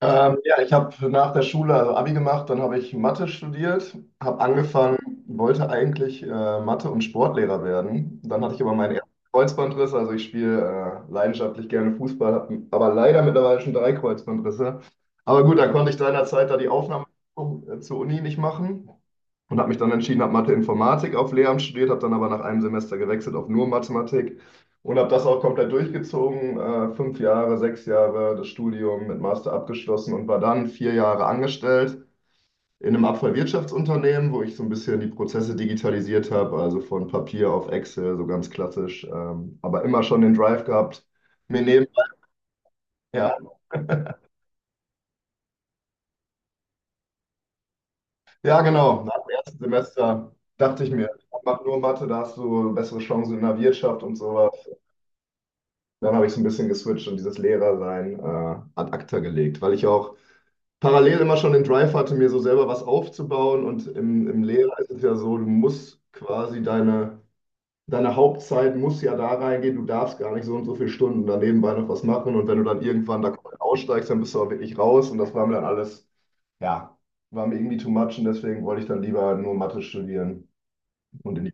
Ja, ich habe nach der Schule also Abi gemacht, dann habe ich Mathe studiert, habe angefangen, wollte eigentlich Mathe- und Sportlehrer werden. Dann hatte ich aber meinen ersten Kreuzbandriss, also ich spiele leidenschaftlich gerne Fußball, habe aber leider mittlerweile schon drei Kreuzbandrisse. Aber gut, dann konnte ich seinerzeit da die Aufnahme zur Uni nicht machen und habe mich dann entschieden, habe Mathe-Informatik auf Lehramt studiert, habe dann aber nach einem Semester gewechselt auf nur Mathematik. Und habe das auch komplett durchgezogen, 5 Jahre, 6 Jahre das Studium mit Master abgeschlossen und war dann 4 Jahre angestellt in einem Abfallwirtschaftsunternehmen, wo ich so ein bisschen die Prozesse digitalisiert habe, also von Papier auf Excel, so ganz klassisch, aber immer schon den Drive gehabt. Mir nebenbei, ja. Ja, genau, nach dem ersten Semester dachte ich mir, mach nur Mathe, da hast du bessere Chancen in der Wirtschaft und sowas. Dann habe ich so ein bisschen geswitcht und dieses Lehrersein ad acta gelegt, weil ich auch parallel immer schon den Drive hatte, mir so selber was aufzubauen. Und im Lehrer ist es ja so, du musst quasi deine, deine Hauptzeit muss ja da reingehen, du darfst gar nicht so und so viele Stunden da nebenbei noch was machen. Und wenn du dann irgendwann da komplett aussteigst, dann bist du auch wirklich raus. Und das war mir dann alles, ja, war mir irgendwie too much. Und deswegen wollte ich dann lieber nur Mathe studieren. Und in die,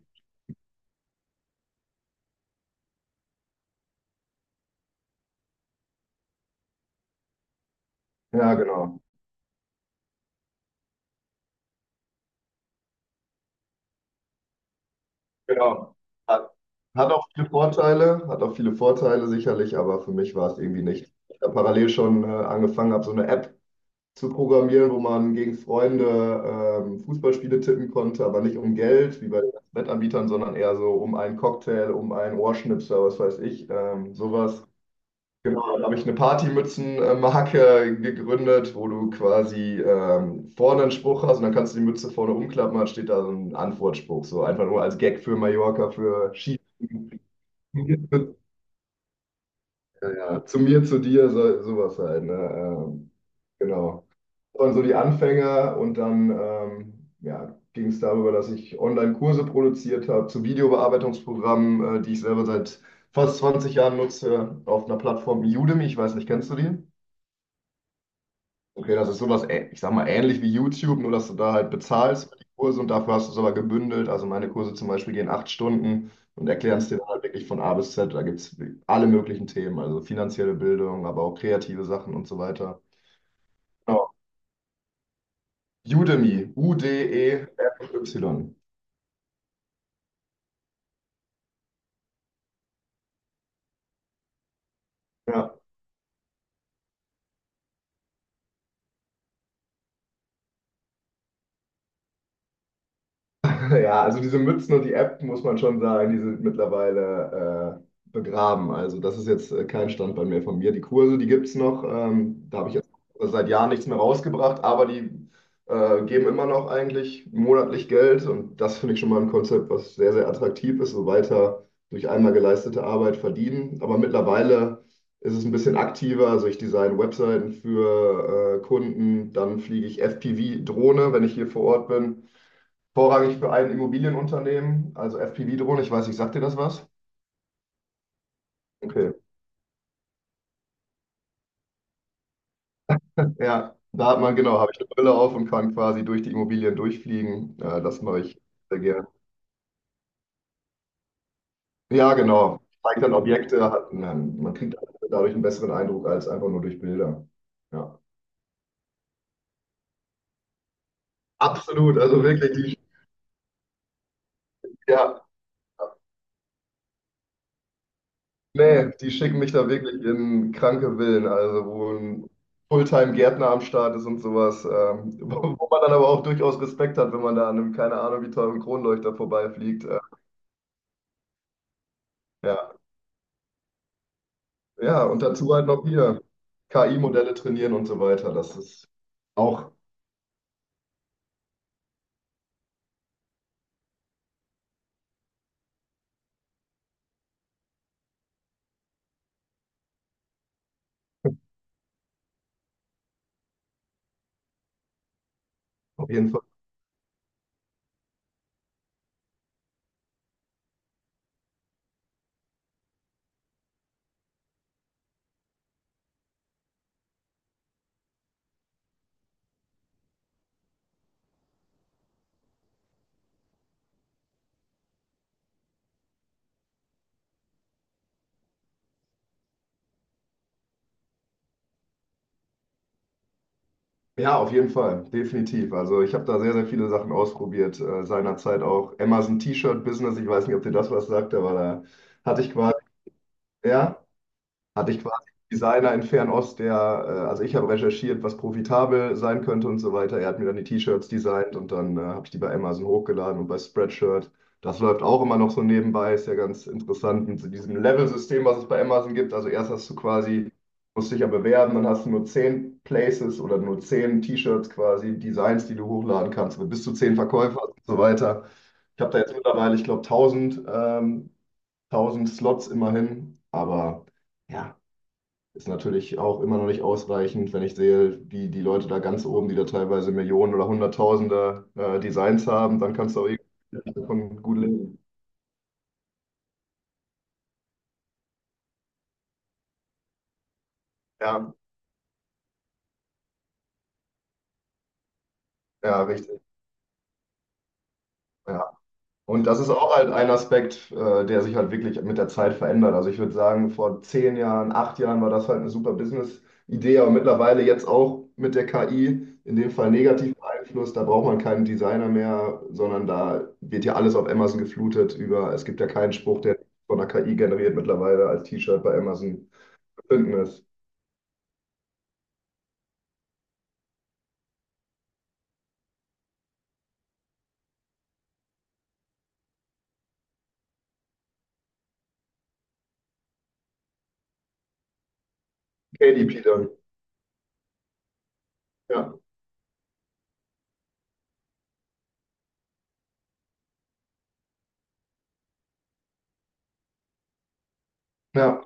ja, genau. Genau. Hat, hat auch viele Vorteile, hat auch viele Vorteile sicherlich, aber für mich war es irgendwie nicht. Ich habe parallel schon angefangen, habe so eine App zu programmieren, wo man gegen Freunde Fußballspiele tippen konnte, aber nicht um Geld, wie bei den Wettanbietern, sondern eher so um einen Cocktail, um einen Ohrschnipser, was weiß ich, sowas. Genau, da habe ich eine Partymützenmarke gegründet, wo du quasi vorne einen Spruch hast und dann kannst du die Mütze vorne umklappen, dann steht da so ein Antwortspruch, so einfach nur als Gag für Mallorca, für Ski. Ja, ja. Zu mir, zu dir, so, sowas halt, ne? Genau, waren so die Anfänge, und dann ja, ging es darüber, dass ich Online-Kurse produziert habe zu Videobearbeitungsprogrammen, die ich selber seit fast 20 Jahren nutze, auf einer Plattform wie Udemy. Ich weiß nicht, kennst du die? Okay, das ist sowas, ich sag mal, ähnlich wie YouTube, nur dass du da halt bezahlst für die Kurse und dafür hast du es aber gebündelt. Also meine Kurse zum Beispiel gehen 8 Stunden und erklären es dir dann halt wirklich von A bis Z. Da gibt es alle möglichen Themen, also finanzielle Bildung, aber auch kreative Sachen und so weiter. Udemy, U-D-E-M-Y. Ja. Ja, also diese Mützen und die App, muss man schon sagen, die sind mittlerweile begraben. Also das ist jetzt kein Standbein mehr von mir. Die Kurse, die gibt es noch. Da habe ich jetzt seit Jahren nichts mehr rausgebracht, aber die geben immer noch eigentlich monatlich Geld. Und das finde ich schon mal ein Konzept, was sehr, sehr attraktiv ist, so weiter durch einmal geleistete Arbeit verdienen. Aber mittlerweile ist es ein bisschen aktiver. Also ich design Webseiten für Kunden, dann fliege ich FPV-Drohne, wenn ich hier vor Ort bin, vorrangig für ein Immobilienunternehmen, also FPV-Drohne. Ich weiß nicht, sagt dir das was? Okay. Ja, da hat man, genau, habe ich eine Brille auf und kann quasi durch die Immobilien durchfliegen. Das mache ich sehr gerne. Ja, genau. Zeigt dann Objekte, man kriegt dadurch einen besseren Eindruck als einfach nur durch Bilder. Ja. Absolut, also wirklich ja. Nee, die schicken mich da wirklich in kranke Villen, also wo ein Fulltime-Gärtner am Start ist und sowas, wo man dann aber auch durchaus Respekt hat, wenn man da an einem, keine Ahnung, wie teuren Kronleuchter vorbeifliegt. Ja. Ja, und dazu halt noch hier KI-Modelle trainieren und so weiter. Das ist auch auf jeden Fall. Ja, auf jeden Fall, definitiv. Also ich habe da sehr, sehr viele Sachen ausprobiert. Seinerzeit auch Amazon T-Shirt-Business. Ich weiß nicht, ob dir das was sagt, aber da hatte ich quasi, ja. Hatte ich quasi einen Designer in Fernost, der, also ich habe recherchiert, was profitabel sein könnte und so weiter. Er hat mir dann die T-Shirts designt und dann habe ich die bei Amazon hochgeladen und bei Spreadshirt. Das läuft auch immer noch so nebenbei, ist ja ganz interessant mit so diesem Level-System, was es bei Amazon gibt. Also erst hast du quasi, musst dich ja bewerben, dann hast du nur 10 Places oder nur 10 T-Shirts quasi, Designs, die du hochladen kannst, mit bis zu 10 Verkäufer und so weiter. Ich habe da jetzt mittlerweile, ich glaube, tausend 1000 Slots immerhin, aber. Ja, ist natürlich auch immer noch nicht ausreichend, wenn ich sehe, die Leute da ganz oben, die da teilweise Millionen oder Hunderttausende Designs haben, dann kannst du auch irgendwie davon gut leben. Ja, ja, richtig. Ja. Und das ist auch halt ein Aspekt, der sich halt wirklich mit der Zeit verändert. Also ich würde sagen, vor 10 Jahren, 8 Jahren war das halt eine super Business-Idee, aber mittlerweile jetzt auch mit der KI in dem Fall negativ beeinflusst. Da braucht man keinen Designer mehr, sondern da wird ja alles auf Amazon geflutet über, es gibt ja keinen Spruch, der von der KI generiert mittlerweile als T-Shirt bei Amazon zu finden ist. KDP dann. Ja, ja,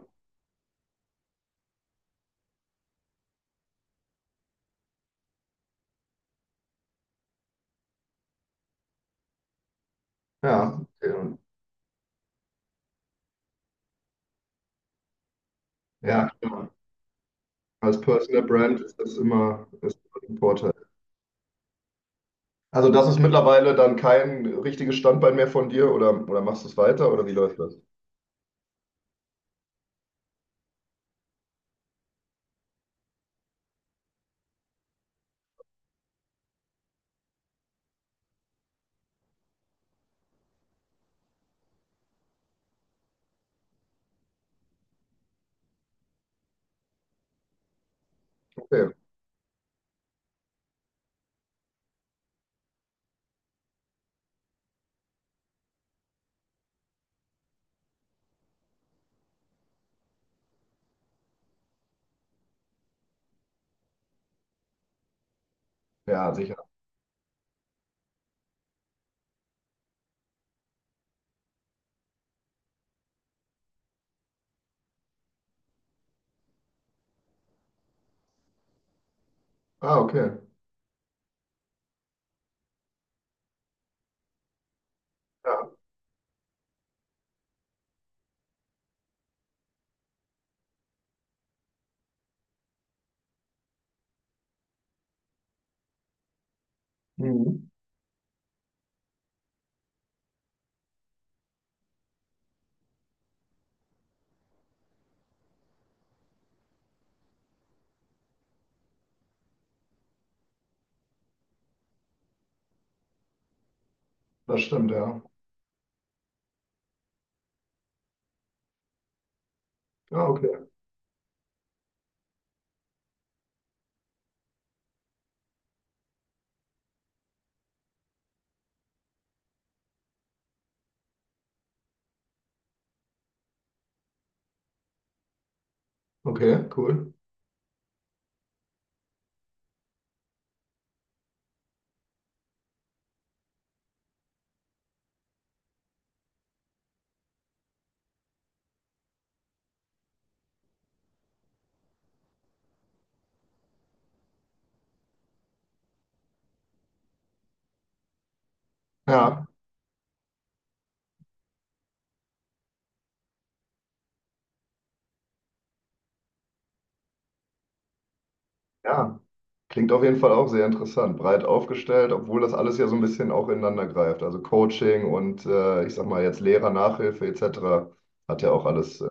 ja. Okay. Ja, klar. Als Personal Brand ist das immer, ist immer ein Vorteil. Also das ist mittlerweile dann kein richtiges Standbein mehr von dir, oder, machst du es weiter, oder wie läuft das? Okay. Ja, sicher. Ah, okay. Ja. Mhm. Das stimmt, ja. Ah, okay. Okay, cool. Ja, ja. Klingt auf jeden Fall auch sehr interessant, breit aufgestellt, obwohl das alles ja so ein bisschen auch ineinander greift. Also Coaching und ich sag mal jetzt Lehrer, Nachhilfe etc. hat ja auch alles